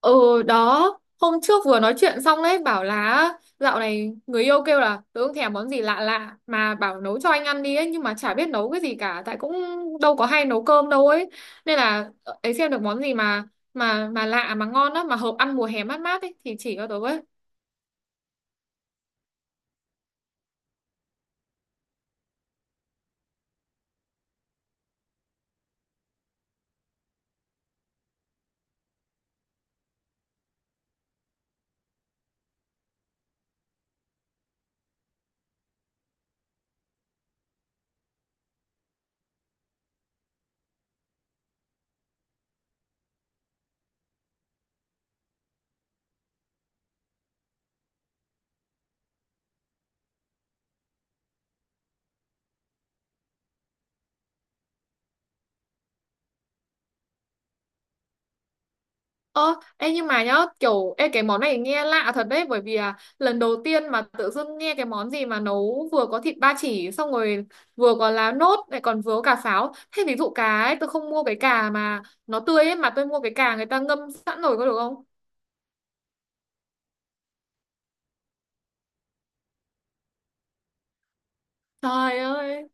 Ừ đó. Hôm trước vừa nói chuyện xong đấy. Bảo là dạo này người yêu kêu là tớ không thèm món gì lạ lạ, mà bảo nấu cho anh ăn đi ấy. Nhưng mà chả biết nấu cái gì cả, tại cũng đâu có hay nấu cơm đâu ấy. Nên là ấy xem được món gì mà mà lạ mà ngon á, mà hợp ăn mùa hè mát mát ấy thì chỉ cho tớ với. Ơ, ê nhưng mà nhá, kiểu ê cái món này nghe lạ thật đấy, bởi vì lần đầu tiên mà tự dưng nghe cái món gì mà nấu vừa có thịt ba chỉ xong rồi vừa có lá nốt lại còn vừa có cả pháo. Thế ví dụ cá ấy, tôi không mua cái cà mà nó tươi ấy, mà tôi mua cái cà người ta ngâm sẵn rồi có được không? Trời ơi.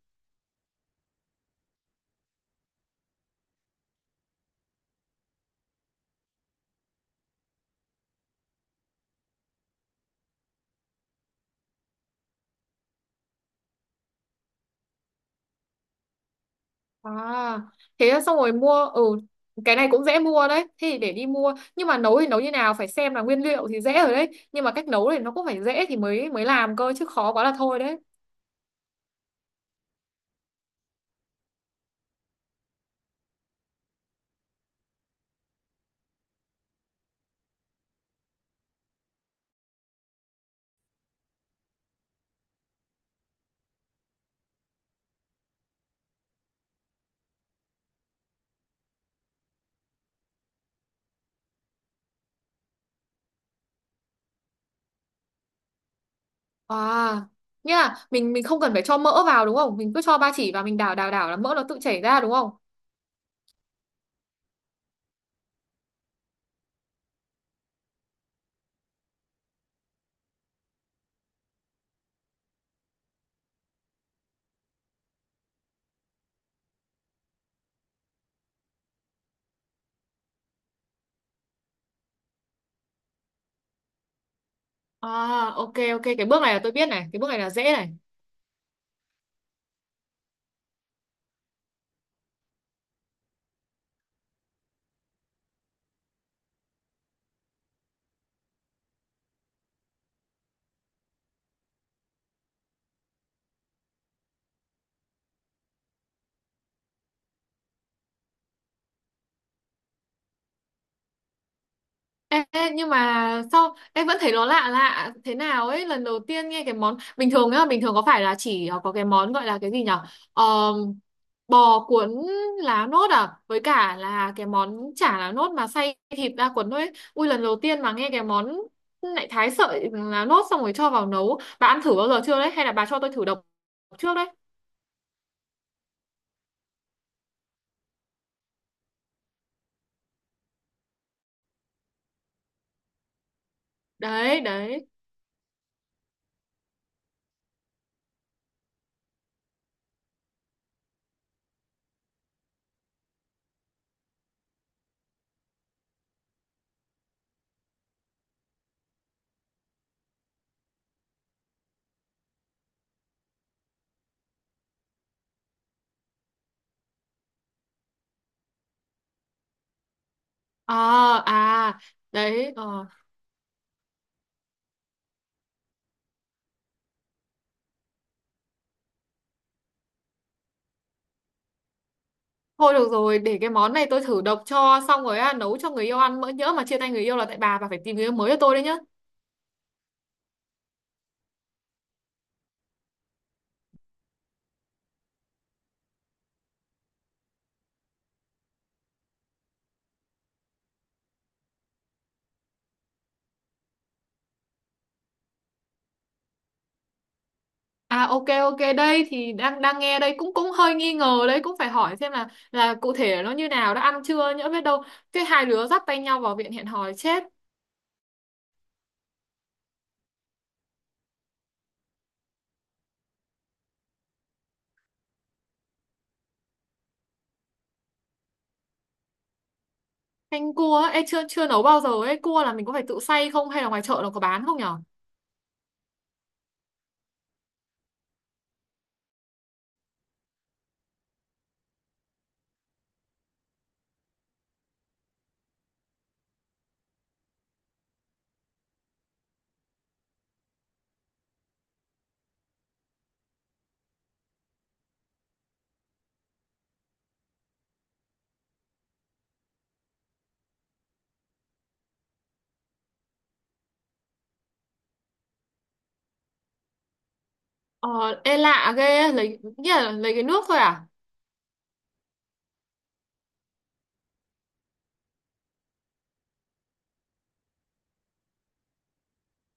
À, thế là xong rồi mua ừ, cái này cũng dễ mua đấy. Thế thì để đi mua. Nhưng mà nấu thì nấu như nào, phải xem là nguyên liệu thì dễ rồi đấy, nhưng mà cách nấu thì nó cũng phải dễ thì mới mới làm cơ, chứ khó quá là thôi đấy. À, nghĩa là mình không cần phải cho mỡ vào đúng không? Mình cứ cho ba chỉ và mình đảo đảo đảo là mỡ nó tự chảy ra đúng không? À, ok ok, cái bước này là tôi biết này, cái bước này là dễ này. Ê, ê, nhưng mà sao em vẫn thấy nó lạ lạ thế nào ấy, lần đầu tiên nghe cái món bình thường nhá, bình thường có phải là chỉ có cái món gọi là cái gì nhở. Ờ, bò cuốn lá nốt à, với cả là cái món chả lá nốt mà xay thịt ra cuốn thôi ấy. Ui, lần đầu tiên mà nghe cái món lại thái sợi lá nốt xong rồi cho vào nấu. Bà ăn thử bao giờ chưa đấy, hay là bà cho tôi thử độc trước đấy? Đấy đấy. À à. Đấy ờ. Thôi được rồi, để cái món này tôi thử độc cho xong rồi nấu cho người yêu ăn, mỡ nhỡ mà chia tay người yêu là tại bà phải tìm người yêu mới cho tôi đấy nhá. À, ok ok, đây thì đang đang nghe đây, cũng cũng hơi nghi ngờ đấy, cũng phải hỏi xem là cụ thể nó như nào, đã ăn chưa nhỡ biết đâu cái hai đứa dắt tay nhau vào viện hẹn hò chết. Canh cua ấy ê, chưa chưa nấu bao giờ ấy, cua là mình có phải tự xay không hay là ngoài chợ nó có bán không nhở? Ờ. Ê lạ ghê, lấy nghĩa là lấy cái nước thôi À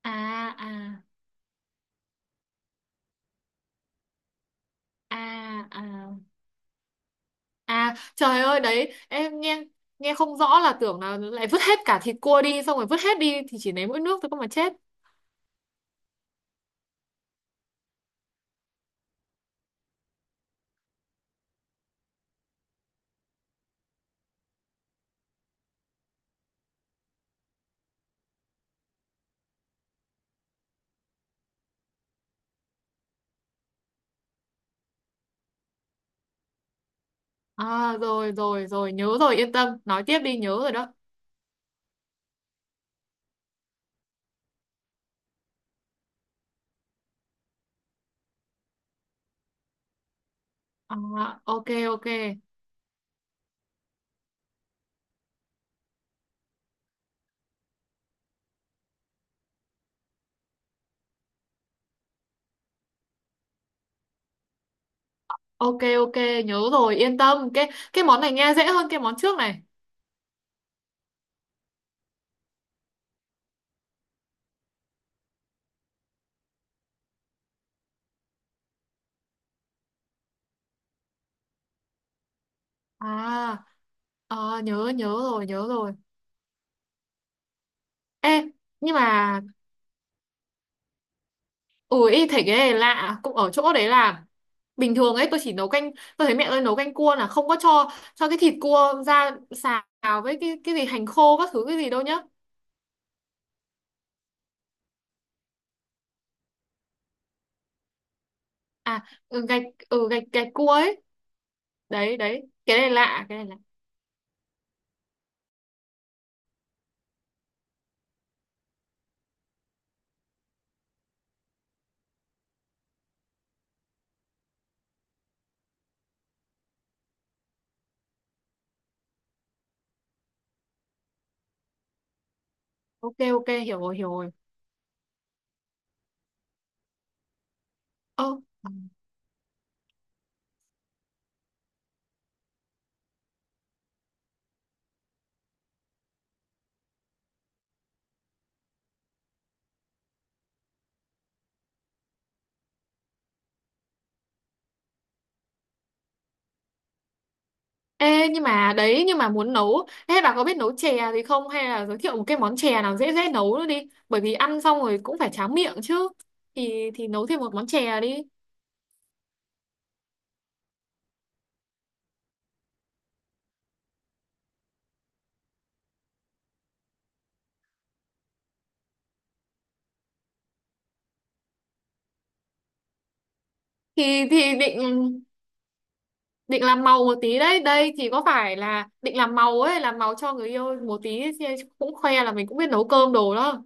à à. À à. À trời ơi, đấy em nghe nghe không rõ là tưởng là lại vứt hết cả thịt cua đi, xong rồi vứt hết đi thì chỉ lấy mỗi nước thôi cơ mà chết. À rồi rồi rồi, nhớ rồi, yên tâm, nói tiếp đi, nhớ rồi đó. À, ok ok. Ok ok, nhớ rồi yên tâm, cái món này nghe dễ hơn cái món trước này. À, à nhớ nhớ rồi, nhớ rồi. Ê nhưng mà ui, thấy cái này lạ cũng ở chỗ đấy là bình thường ấy tôi chỉ nấu canh, tôi thấy mẹ tôi nấu canh cua là không có cho cái thịt cua ra xào với cái gì hành khô các thứ cái gì đâu nhá. À ừ, gạch. Ừ, gạch gạch cua ấy. Đấy đấy, cái này lạ, cái này lạ. Ok ok, hiểu rồi hiểu rồi. Ơ, ê nhưng mà đấy, nhưng mà muốn nấu, ê bà có biết nấu chè gì không, hay là giới thiệu một cái món chè nào dễ dễ nấu nữa đi, bởi vì ăn xong rồi cũng phải tráng miệng chứ. Thì nấu thêm một món chè đi. Thì thì định. Định làm màu một tí đấy, đây thì có phải là định làm màu ấy, làm màu cho người yêu một tí ấy, xem cũng khoe là mình cũng biết nấu cơm đồ đó.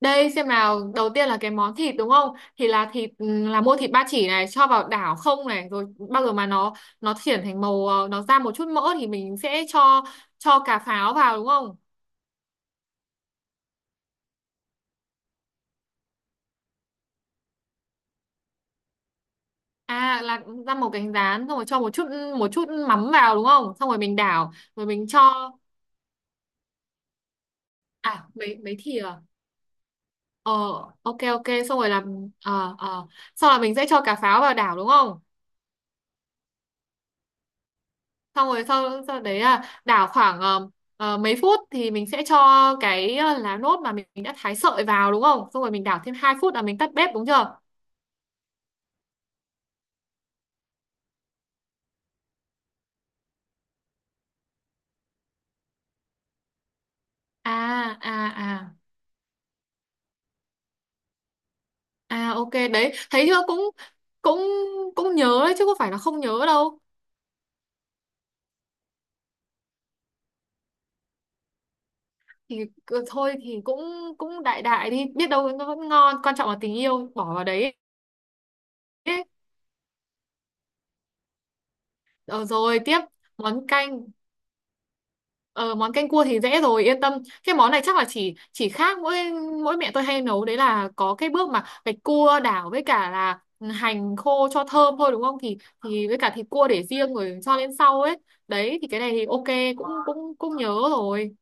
Đây xem nào, đầu tiên là cái món thịt đúng không, thì là thịt ừ, là mua thịt ba chỉ này cho vào đảo không này rồi bao giờ mà nó chuyển thành màu nó ra một chút mỡ thì mình sẽ cho cà pháo vào đúng không? À là ra một cánh rán xong rồi cho một chút mắm vào đúng không, xong rồi mình đảo rồi mình cho. À mấy mấy thìa. Ờ, ok ok, xong rồi làm xong là mình sẽ cho cà pháo vào đảo đúng không? Xong rồi sau sau đấy là đảo khoảng mấy phút thì mình sẽ cho cái lá nốt mà mình đã thái sợi vào đúng không, xong rồi mình đảo thêm 2 phút là mình tắt bếp đúng chưa? À à à. À ok, đấy thấy chưa, cũng cũng cũng nhớ đấy chứ có phải là không nhớ đâu. thì Thôi thì cũng cũng đại đại đi, biết đâu nó vẫn ngon, quan trọng là tình yêu bỏ vào đấy ấy. Ờ, rồi tiếp món canh. Ờ, món canh cua thì dễ rồi yên tâm. Cái món này chắc là chỉ khác mỗi mỗi mẹ tôi hay nấu đấy là có cái bước mà gạch cua đảo với cả là hành khô cho thơm thôi đúng không, thì với cả thịt cua để riêng rồi cho lên sau ấy. Đấy thì cái này thì ok. Cũng cũng cũng nhớ rồi.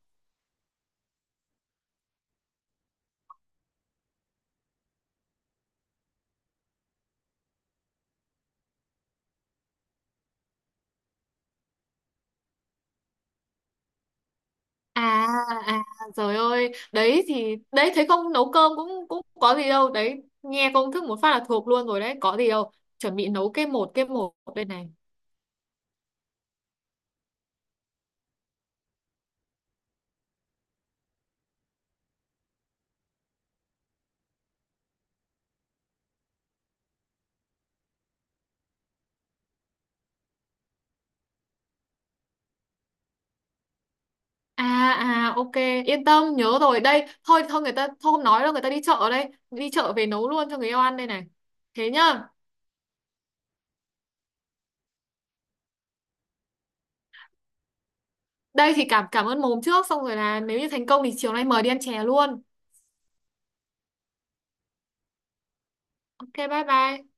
À à trời ơi, đấy thì đấy thấy không, nấu cơm cũng cũng có gì đâu, đấy nghe công thức một phát là thuộc luôn rồi đấy, có gì đâu. Chuẩn bị nấu cái một đây này. À à ok, yên tâm nhớ rồi. Đây thôi thôi, người ta thôi không nói đâu, người ta đi chợ đây, đi chợ về nấu luôn cho người yêu ăn đây này. Thế nhá. Đây thì cảm cảm ơn mồm trước, xong rồi là nếu như thành công thì chiều nay mời đi ăn chè luôn. Ok bye bye.